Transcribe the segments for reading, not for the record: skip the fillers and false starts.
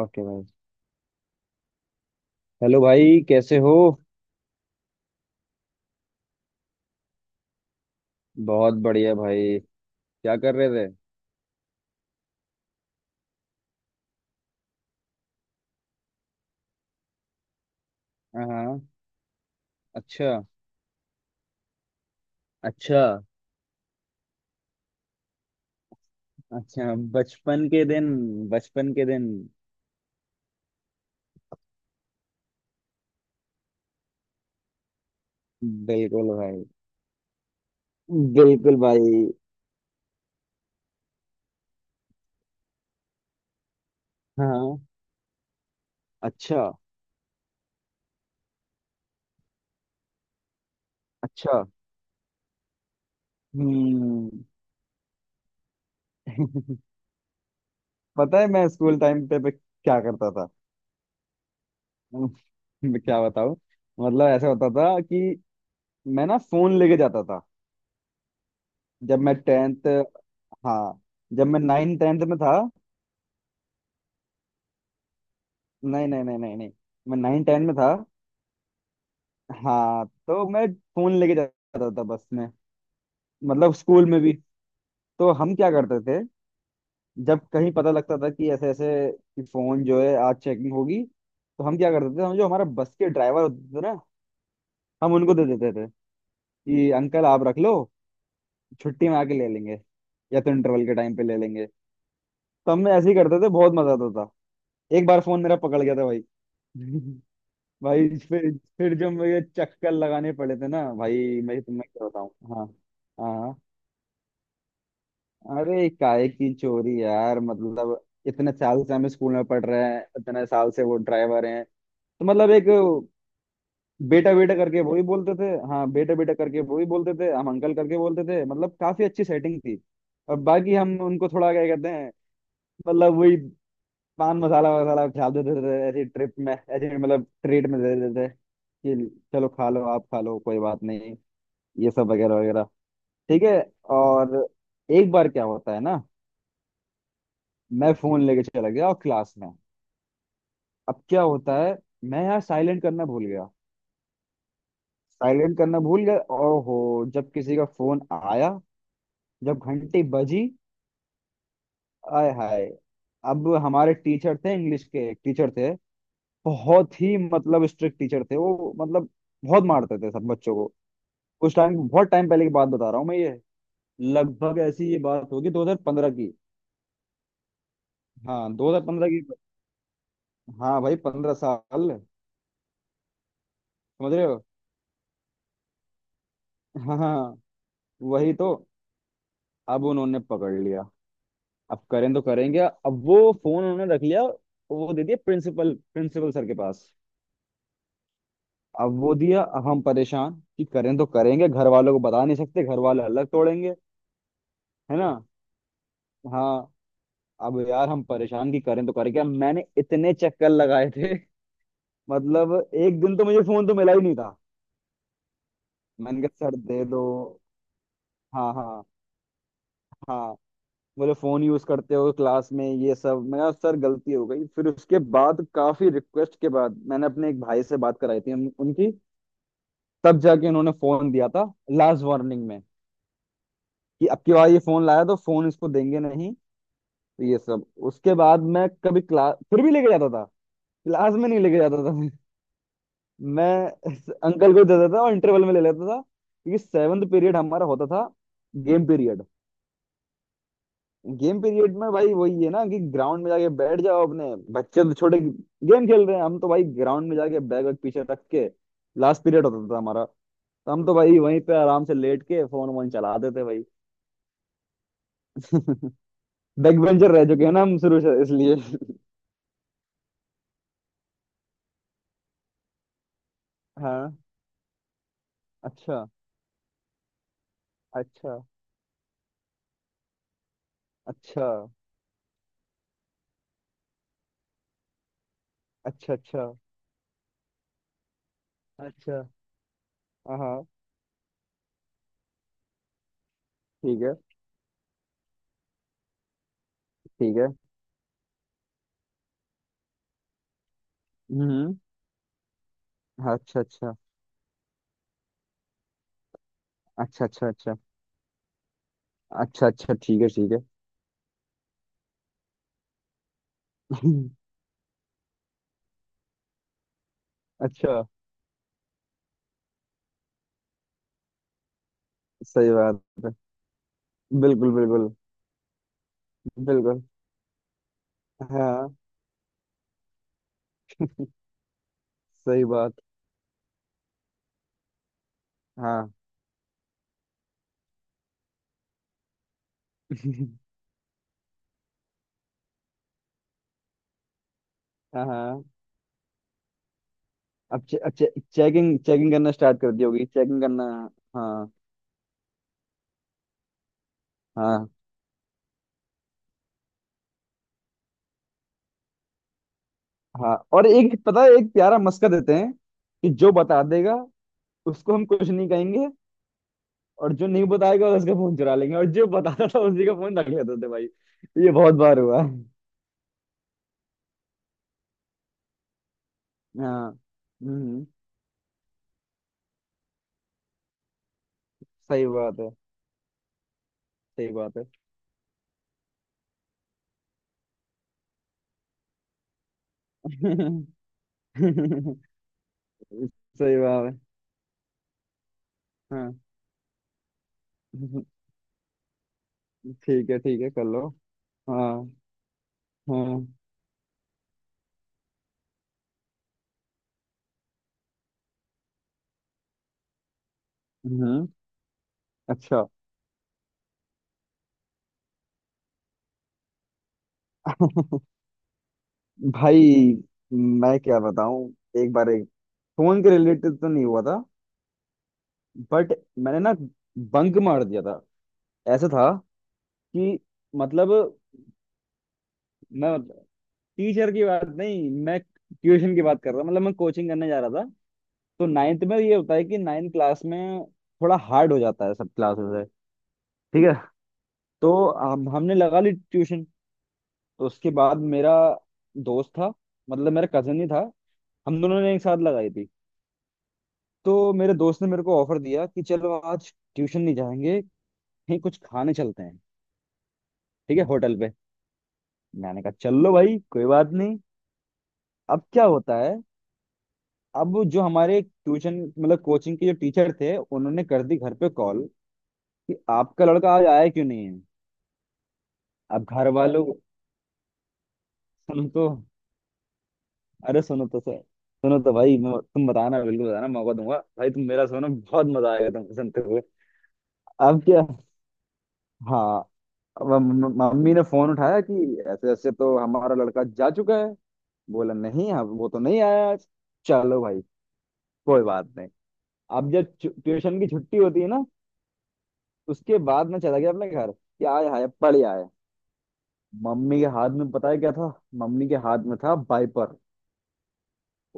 Okay भाई। Hello भाई कैसे हो। बहुत बढ़िया भाई। क्या कर रहे थे। हाँ हाँ। अच्छा। अच्छा अच्छा बचपन के दिन। बचपन के दिन। बिल्कुल भाई। बिल्कुल भाई। हाँ। अच्छा अच्छा। हम्म। पता है मैं स्कूल टाइम पे क्या करता था। मैं क्या बताऊं। मतलब ऐसा होता था कि मैं ना फोन लेके जाता था। जब मैं टेंथ। हाँ। जब मैं नाइन टेंथ में था। नहीं नहीं नहीं नहीं नहीं। मैं नाइन टेन में था। हाँ, तो मैं फोन लेके जाता था बस में। मतलब स्कूल में भी। तो हम क्या करते थे, जब कहीं पता लगता था कि ऐसे ऐसे कि फोन जो है आज चेकिंग होगी, तो हम क्या करते थे, हम जो हमारा बस के ड्राइवर होते थे ना, हम उनको दे देते थे कि अंकल आप रख लो, छुट्टी में आके ले लेंगे या तो इंटरवल के टाइम पे ले लेंगे। तो हम ऐसे ही करते थे, बहुत मजा आता था। एक बार फोन मेरा पकड़ गया था भाई। भाई फिर जब मुझे चक्कर लगाने पड़े थे ना भाई, मैं तुम्हें क्या बताऊं। हाँ। हाँ हाँ। अरे काहे की चोरी यार। मतलब इतने साल से हम स्कूल में पढ़ रहे हैं, इतने साल से वो ड्राइवर हैं, तो मतलब एक बेटा बेटा करके वो ही बोलते थे। हाँ बेटा बेटा करके वो ही बोलते थे, हम अंकल करके बोलते थे। मतलब काफी अच्छी सेटिंग थी। और बाकी हम उनको थोड़ा क्या कहते हैं, मतलब वही पान मसाला वसाला डाल देते थे ऐसी ट्रिप में, ऐसे मतलब ट्रीट में दे देते थे कि चलो खा लो, आप खा लो कोई बात नहीं। ये सब वगैरह वगैरह। ठीक है। और एक बार क्या होता है ना, मैं फोन लेके चला गया और क्लास में, अब क्या होता है, मैं यार साइलेंट करना भूल गया। साइलेंट करना भूल गया और हो, जब किसी का फोन आया, जब घंटी बजी, आय हाय। अब हमारे टीचर थे, इंग्लिश के टीचर थे, बहुत ही मतलब स्ट्रिक्ट टीचर थे वो, मतलब बहुत मारते थे सब बच्चों को। उस टाइम, बहुत टाइम पहले की बात बता रहा हूँ मैं ये, लगभग ऐसी ये बात होगी 2015 की। हाँ 2015 की। हाँ भाई पंद्रह साल। समझ रहे हो। हाँ हाँ। वही तो। अब उन्होंने पकड़ लिया। अब करें तो करेंगे, अब वो फोन उन्होंने रख लिया, वो दे दिया प्रिंसिपल, प्रिंसिपल सर के पास। अब वो दिया, अब हम परेशान कि करें तो करेंगे, घर वालों को बता नहीं सकते, घर वाले अलग तोड़ेंगे। है ना। हाँ। अब यार हम परेशान कि करें तो करें क्या, मैंने इतने चक्कर लगाए थे। मतलब एक दिन तो मुझे फोन तो मिला ही नहीं था। मैंने कहा सर दे दो। हाँ हाँ। हाँ। बोले फोन यूज करते हो क्लास में ये सब। मैं कहा सर गलती हो गई। फिर उसके बाद काफी रिक्वेस्ट के बाद मैंने अपने एक भाई से बात कराई थी उनकी। तब जाके उन्होंने फोन दिया था लास्ट वार्निंग में कि अब की बार ये फोन लाया तो फोन इसको देंगे नहीं। तो ये सब, उसके बाद मैं कभी क्लास फिर भी लेके जाता था, क्लास में नहीं लेके जाता था मैं। मैं अंकल को देता था और इंटरवल में ले लेता था, क्योंकि सेवन्थ पीरियड हमारा होता था, गेम पीरियड। गेम पीरियड में भाई वही है ना कि ग्राउंड में जाके बैठ जाओ अपने। बच्चे तो छोटे गेम खेल रहे हैं, हम तो भाई ग्राउंड में जाके बैग वैग पीछे रख के, लास्ट पीरियड होता था हमारा, तो हम तो भाई वहीं पे आराम से लेट के फोन वोन चला देते भाई। बैक बेंचर रह चुके हैं ना हम शुरू से इसलिए। हाँ। अच्छा अच्छा। अच्छा अच्छा अच्छा अच्छा। हाँ हाँ। ठीक है ठीक है। हम्म। हाँ, अच्छा अच्छा। अच्छा अच्छा अच्छा अच्छा अच्छा। ठीक है ठीक है। अच्छा। सही बात है। बिल्कुल बिल्कुल। बिल्कुल। हाँ। सही बात। हाँ। हाँ हाँ। अब चे, अब चे, चेकिंग चेकिंग करना स्टार्ट कर दी होगी। चेकिंग करना। हाँ। हाँ। हाँ और एक पता है, एक प्यारा मस्का देते हैं कि जो बता देगा उसको हम कुछ नहीं कहेंगे, और जो नहीं बताएगा उसका फोन चुरा लेंगे। और जो बताता था उसी का फोन रख लेते थे भाई। ये बहुत बार हुआ है। हाँ। हम्म। सही बात है। सही बात है। सही बात है। हाँ। ठीक है ठीक है, कर लो। हाँ। हम्म। हम्म। अच्छा। भाई मैं क्या बताऊं। एक बार एक फोन के रिलेटेड तो नहीं हुआ था, बट मैंने ना बंक मार दिया था। ऐसा था कि, मतलब, मैं टीचर की बात नहीं, मैं ट्यूशन की बात कर रहा हूं, मतलब मैं कोचिंग करने जा रहा था। तो नाइन्थ में ये होता है कि नाइन्थ क्लास में थोड़ा हार्ड हो जाता है, सब क्लासेस है। ठीक है। तो हम हमने लगा ली ट्यूशन। तो उसके बाद मेरा दोस्त था, मतलब मेरा कजन ही था, हम दोनों ने एक साथ लगाई थी। तो मेरे दोस्त ने मेरे को ऑफर दिया कि चलो आज ट्यूशन नहीं जाएंगे, कहीं कुछ खाने चलते हैं, ठीक है, होटल पे। मैंने कहा चल लो भाई कोई बात नहीं। अब क्या होता है, अब जो हमारे ट्यूशन मतलब कोचिंग के जो टीचर थे उन्होंने कर दी घर पे कॉल कि आपका लड़का आज आया क्यों नहीं है। अब घर वालों, सुनो तो, अरे सुनो तो सर, सुनो तो भाई, मैं- तुम बताना बिल्कुल बताना, मौका दूंगा भाई, तुम मेरा सुनो, बहुत मजा आएगा तुम सुनते हुए। अब क्या, हाँ, अब मम्मी ने फोन उठाया कि ऐसे ऐसे तो हमारा लड़का जा चुका है। बोला नहीं, हाँ वो तो नहीं आया आज। चलो भाई कोई बात नहीं। अब जब ट्यूशन की छुट्टी होती है ना, उसके बाद मैं चला गया अपने घर कि आए हाय पढ़ आए। मम्मी के हाथ में पता है क्या था। मम्मी के हाथ में था वाइपर।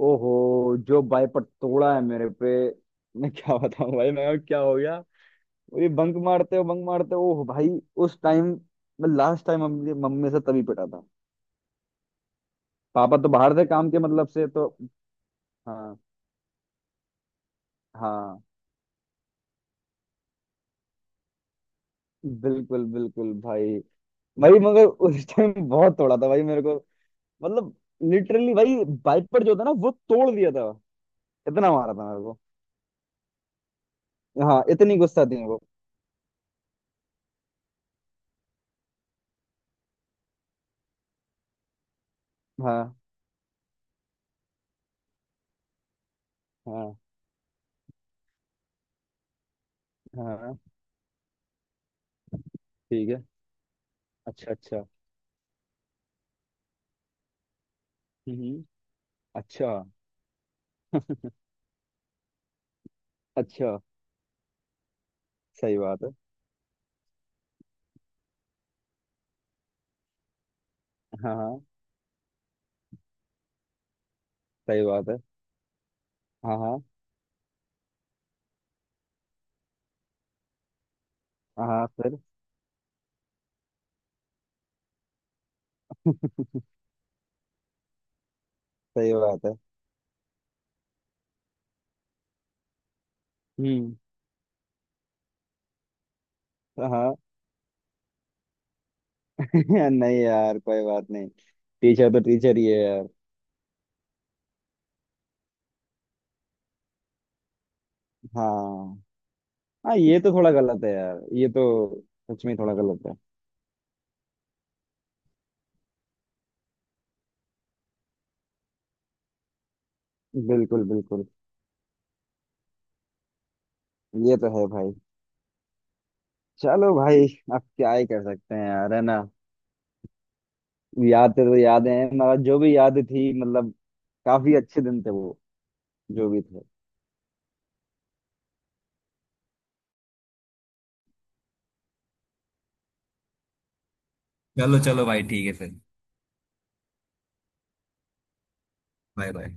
ओहो जो वाइपर तोड़ा है मेरे पे, मैं क्या बताऊं भाई, मैं क्या हो गया। वो ये बंक मारते हो बंक मारते हो, ओह भाई। उस टाइम, मैं लास्ट टाइम मम्मी मम्मी से तभी पिटा था। पापा तो बाहर थे काम के मतलब से, तो हाँ हाँ। बिल्कुल बिल्कुल भाई। भाई मगर उस टाइम बहुत तोड़ा था भाई मेरे को, मतलब लिटरली भाई, वाइपर जो था ना वो तोड़ दिया था, इतना मारा था मेरे को। हाँ इतनी गुस्सा थी मेरे को। हाँ हाँ। हाँ। ठीक है। अच्छा अच्छा। हम्म। हम्म। अच्छा अच्छा। सही बात है। हाँ हाँ। सही बात है। हाँ हाँ। हाँ। हाँ, फिर। सही बात है। हम्म। हाँ। नहीं यार कोई बात नहीं। टीचर तो टीचर ही है यार। हाँ। हाँ ये तो थोड़ा गलत है यार, ये तो सच में थोड़ा गलत है। बिल्कुल बिल्कुल। ये तो है भाई। चलो भाई, अब क्या ही कर सकते हैं यार, है ना। यादें तो यादें हैं, मगर जो भी यादें थी मतलब काफी अच्छे दिन थे वो, जो भी थे। चलो चलो भाई, ठीक है फिर। Bye bye.